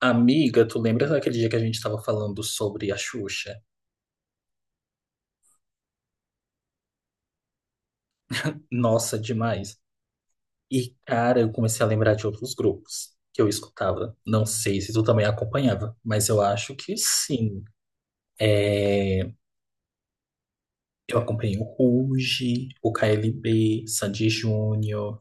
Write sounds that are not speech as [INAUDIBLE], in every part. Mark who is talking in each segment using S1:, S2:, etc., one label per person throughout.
S1: Amiga, tu lembra daquele dia que a gente estava falando sobre a Xuxa? Nossa, demais. E, cara, eu comecei a lembrar de outros grupos que eu escutava. Não sei se tu também acompanhava, mas eu acho que sim. É, eu acompanhei o Ruge, o KLB, Sandy Júnior.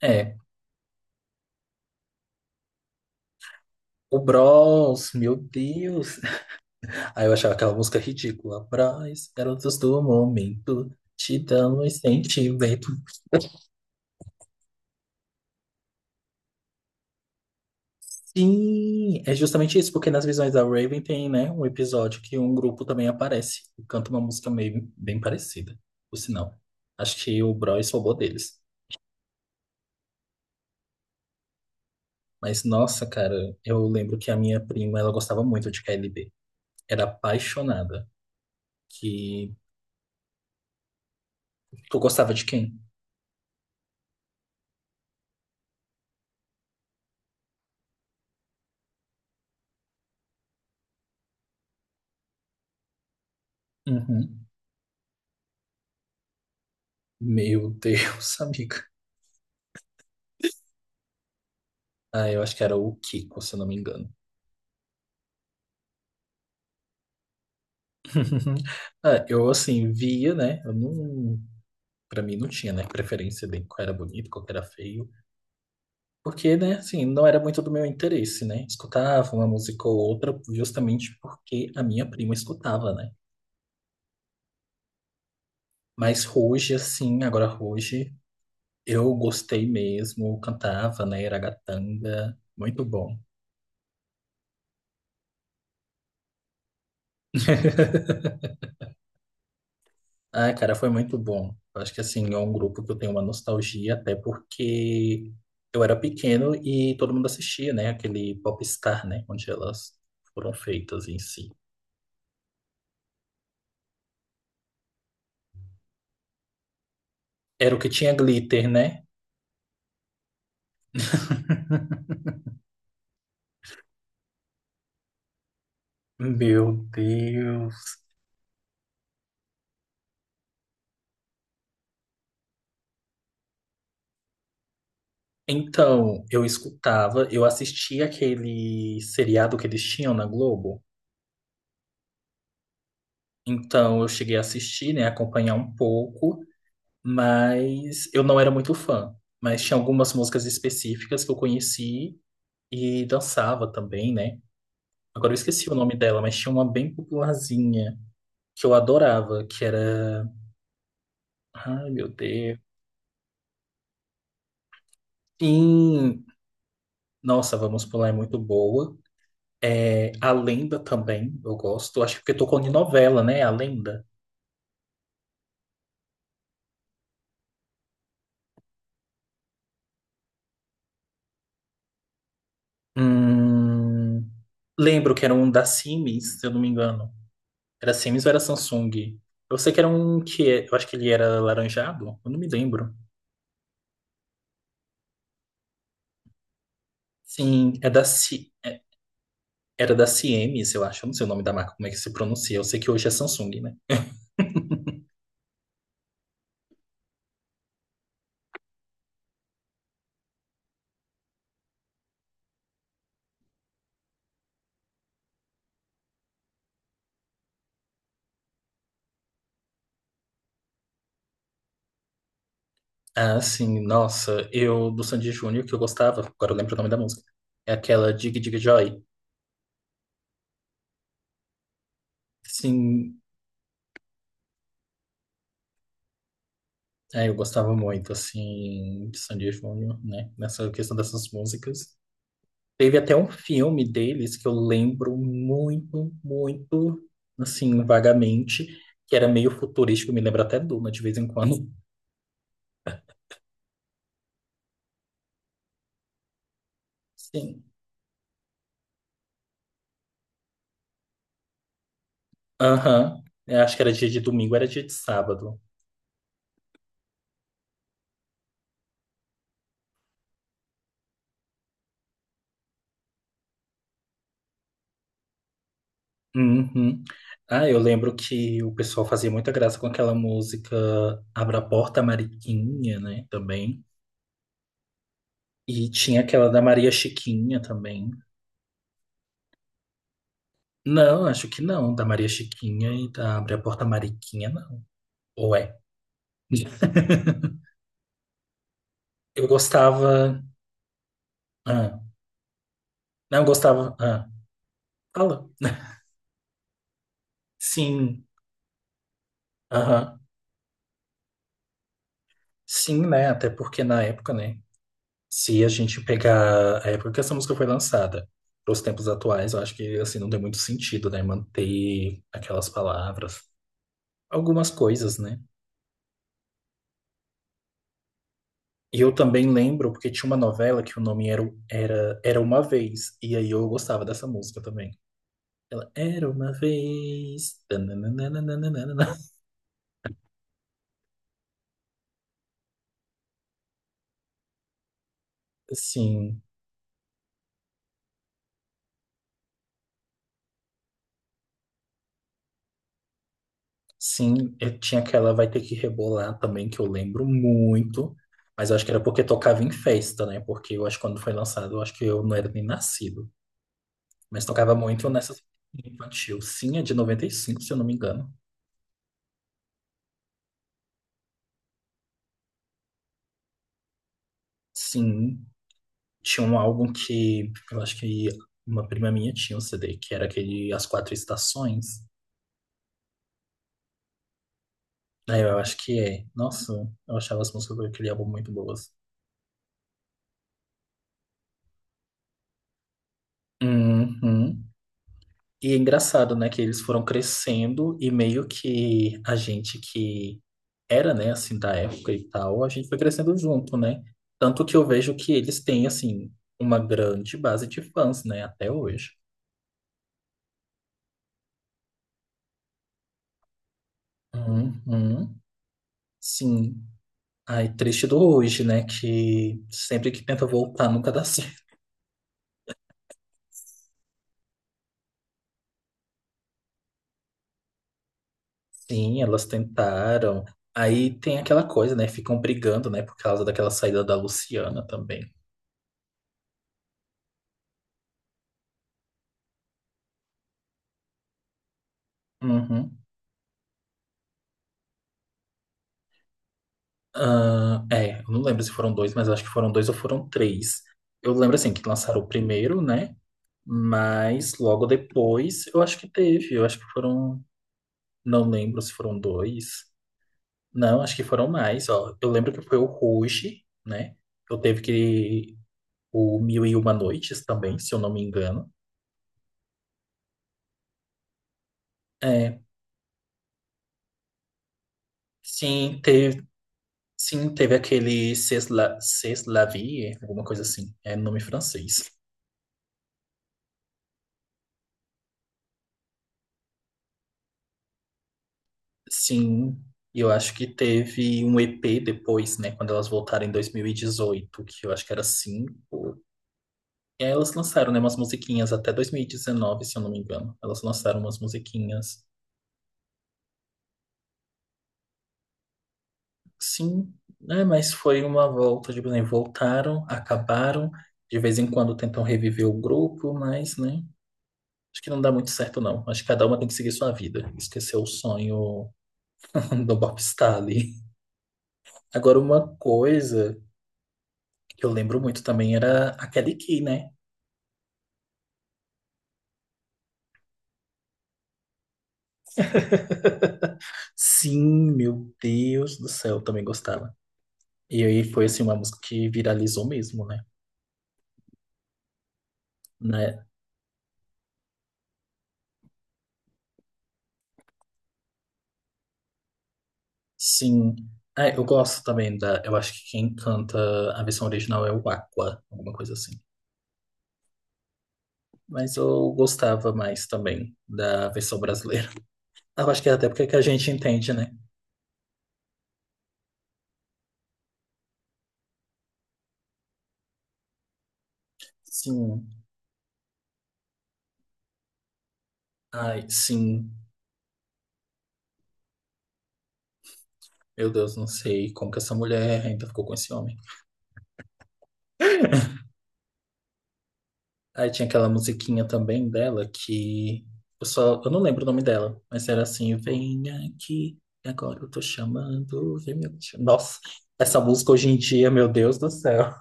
S1: É, o Bros, meu Deus. [LAUGHS] Aí eu achava aquela música ridícula. Bros, garotos do momento, te dão um sentimento. Sim, é justamente isso, porque nas visões da Raven tem, né, um episódio que um grupo também aparece e canta uma música meio bem parecida, por sinal. Acho que o Bros roubou deles. Mas nossa, cara, eu lembro que a minha prima, ela gostava muito de KLB. Era apaixonada. Que tu gostava de quem? Uhum. Meu Deus, [LAUGHS] amiga. Ah, eu acho que era o Kiko, se eu não me engano. [LAUGHS] Ah, eu assim via, né? Eu não, para mim não tinha, né, preferência de qual era bonito, qual era feio. Porque, né, assim, não era muito do meu interesse, né? Escutava uma música ou outra justamente porque a minha prima escutava, né? Mas hoje, assim, agora hoje, eu gostei mesmo, cantava, né? Iragatanga, muito bom. [LAUGHS] Ah, cara, foi muito bom. Eu acho que, assim, é um grupo que eu tenho uma nostalgia, até porque eu era pequeno e todo mundo assistia, né? Aquele Popstar, né? Onde elas foram feitas em si. Era o que tinha glitter, né? Meu Deus. Então, eu escutava, eu assistia aquele seriado que eles tinham na Globo. Então, eu cheguei a assistir, né, acompanhar um pouco, mas eu não era muito fã. Mas tinha algumas músicas específicas que eu conheci e dançava também, né? Agora eu esqueci o nome dela, mas tinha uma bem popularzinha que eu adorava, que era. Ai, meu Deus. Sim, nossa, Vamos Pular é muito boa. É, A Lenda também, eu gosto. Acho que porque tocou em novela, né? A Lenda. Hum, lembro que era um da Siemens, se eu não me engano. Era Siemens ou era Samsung? Eu sei que era um eu acho que ele era laranjado, eu não me lembro. Sim, era da Siemens, eu acho. Eu não sei o nome da marca, como é que se pronuncia. Eu sei que hoje é Samsung, né? Ah, sim, nossa, eu do Sandy Júnior que eu gostava, agora eu lembro o nome da música. É aquela Dig Dig Joy. Sim, é, eu gostava muito, assim, de Sandy Júnior, né? Nessa questão dessas músicas. Teve até um filme deles que eu lembro muito, muito, assim, vagamente, que era meio futurístico, me lembra até Duna de vez em quando. Sim. Aham. Eu acho que era dia de domingo, era dia de sábado. Uhum. Ah, eu lembro que o pessoal fazia muita graça com aquela música Abra a Porta, Mariquinha, né? Também. E tinha aquela da Maria Chiquinha também. Não, acho que não. Da Maria Chiquinha e da Abre a Porta, Mariquinha, não. Ou é? Eu gostava. Ah, não gostava. Ah, fala. [LAUGHS] Sim, aham. Sim, né? Até porque na época, né? Se a gente pegar a época que essa música foi lançada, para os tempos atuais, eu acho que assim não tem muito sentido, né? Manter aquelas palavras, algumas coisas, né? E eu também lembro porque tinha uma novela que o nome era era uma vez e aí eu gostava dessa música também. Ela era uma vez. Tananana. Sim. Sim, eu tinha aquela Vai Ter Que Rebolar também, que eu lembro muito, mas eu acho que era porque tocava em festa, né? Porque eu acho que quando foi lançado, eu acho que eu não era nem nascido, mas tocava muito nessa infantil. Sim, é de 95 se eu não me engano. Sim, tinha um álbum que eu acho que uma prima minha tinha um CD, que era aquele As Quatro Estações. Aí eu acho que é. Nossa, eu achava as músicas daquele álbum muito boas. Uhum. E é engraçado, né, que eles foram crescendo e meio que a gente que era, né, assim, da época e tal, a gente foi crescendo junto, né? Tanto que eu vejo que eles têm, assim, uma grande base de fãs, né, até hoje. Uhum. Sim. Ai, triste do hoje, né, que sempre que tenta voltar nunca dá [LAUGHS] certo. Sim, elas tentaram. Aí tem aquela coisa, né, ficam brigando, né, por causa daquela saída da Luciana também. Uhum. Ah, é, eu não lembro se foram dois, mas acho que foram dois ou foram três. Eu lembro assim que lançaram o primeiro, né? Mas logo depois eu acho que teve. Eu acho que foram. Não lembro se foram dois. Não, acho que foram mais. Ó, eu lembro que foi o Ruge, né? Eu teve que. O Mil e Uma Noites também, se eu não me engano. É, sim, teve, sim, teve aquele C'est la vie, alguma coisa assim. É nome francês. Sim, e eu acho que teve um EP depois, né, quando elas voltaram em 2018 que eu acho que era cinco. E aí elas lançaram, né, umas musiquinhas até 2019, se eu não me engano. Elas lançaram umas musiquinhas. Sim, né, mas foi uma volta, tipo, né, voltaram, acabaram. De vez em quando tentam reviver o grupo, mas, né, acho que não dá muito certo, não. Acho que cada uma tem que seguir sua vida, esquecer o sonho [LAUGHS] do Bob ali. Agora, uma coisa que eu lembro muito também era a Kelly Key, né? Sim, meu Deus do céu, eu também gostava. E aí foi assim uma música que viralizou mesmo, né? Né? Sim. É, eu gosto também da. Eu acho que quem canta a versão original é o Aqua, alguma coisa assim. Mas eu gostava mais também da versão brasileira. [LAUGHS] Eu acho que é até porque que a gente entende, né? Sim. Ai, sim. Meu Deus, não sei como que essa mulher ainda ficou com esse homem. Aí tinha aquela musiquinha também dela que eu só, eu não lembro o nome dela, mas era assim, vem aqui, agora eu tô chamando, vem me achu-". Nossa, essa música hoje em dia, meu Deus do céu.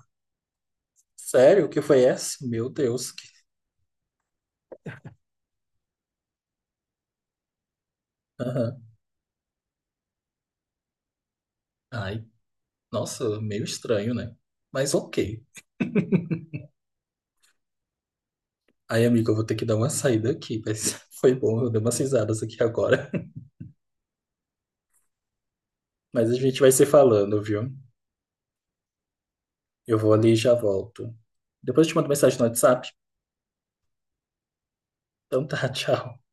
S1: [LAUGHS] Sério, o que foi essa? Meu Deus. Aham. Ai, nossa, meio estranho, né? Mas ok. Aí, amigo, eu vou ter que dar uma saída aqui, mas [LAUGHS] foi bom, eu dei umas risadas aqui agora. [LAUGHS] Mas a gente vai se falando, viu? Eu vou ali e já volto. Depois eu te mando mensagem no WhatsApp. Então tá, [LAUGHS] tchau.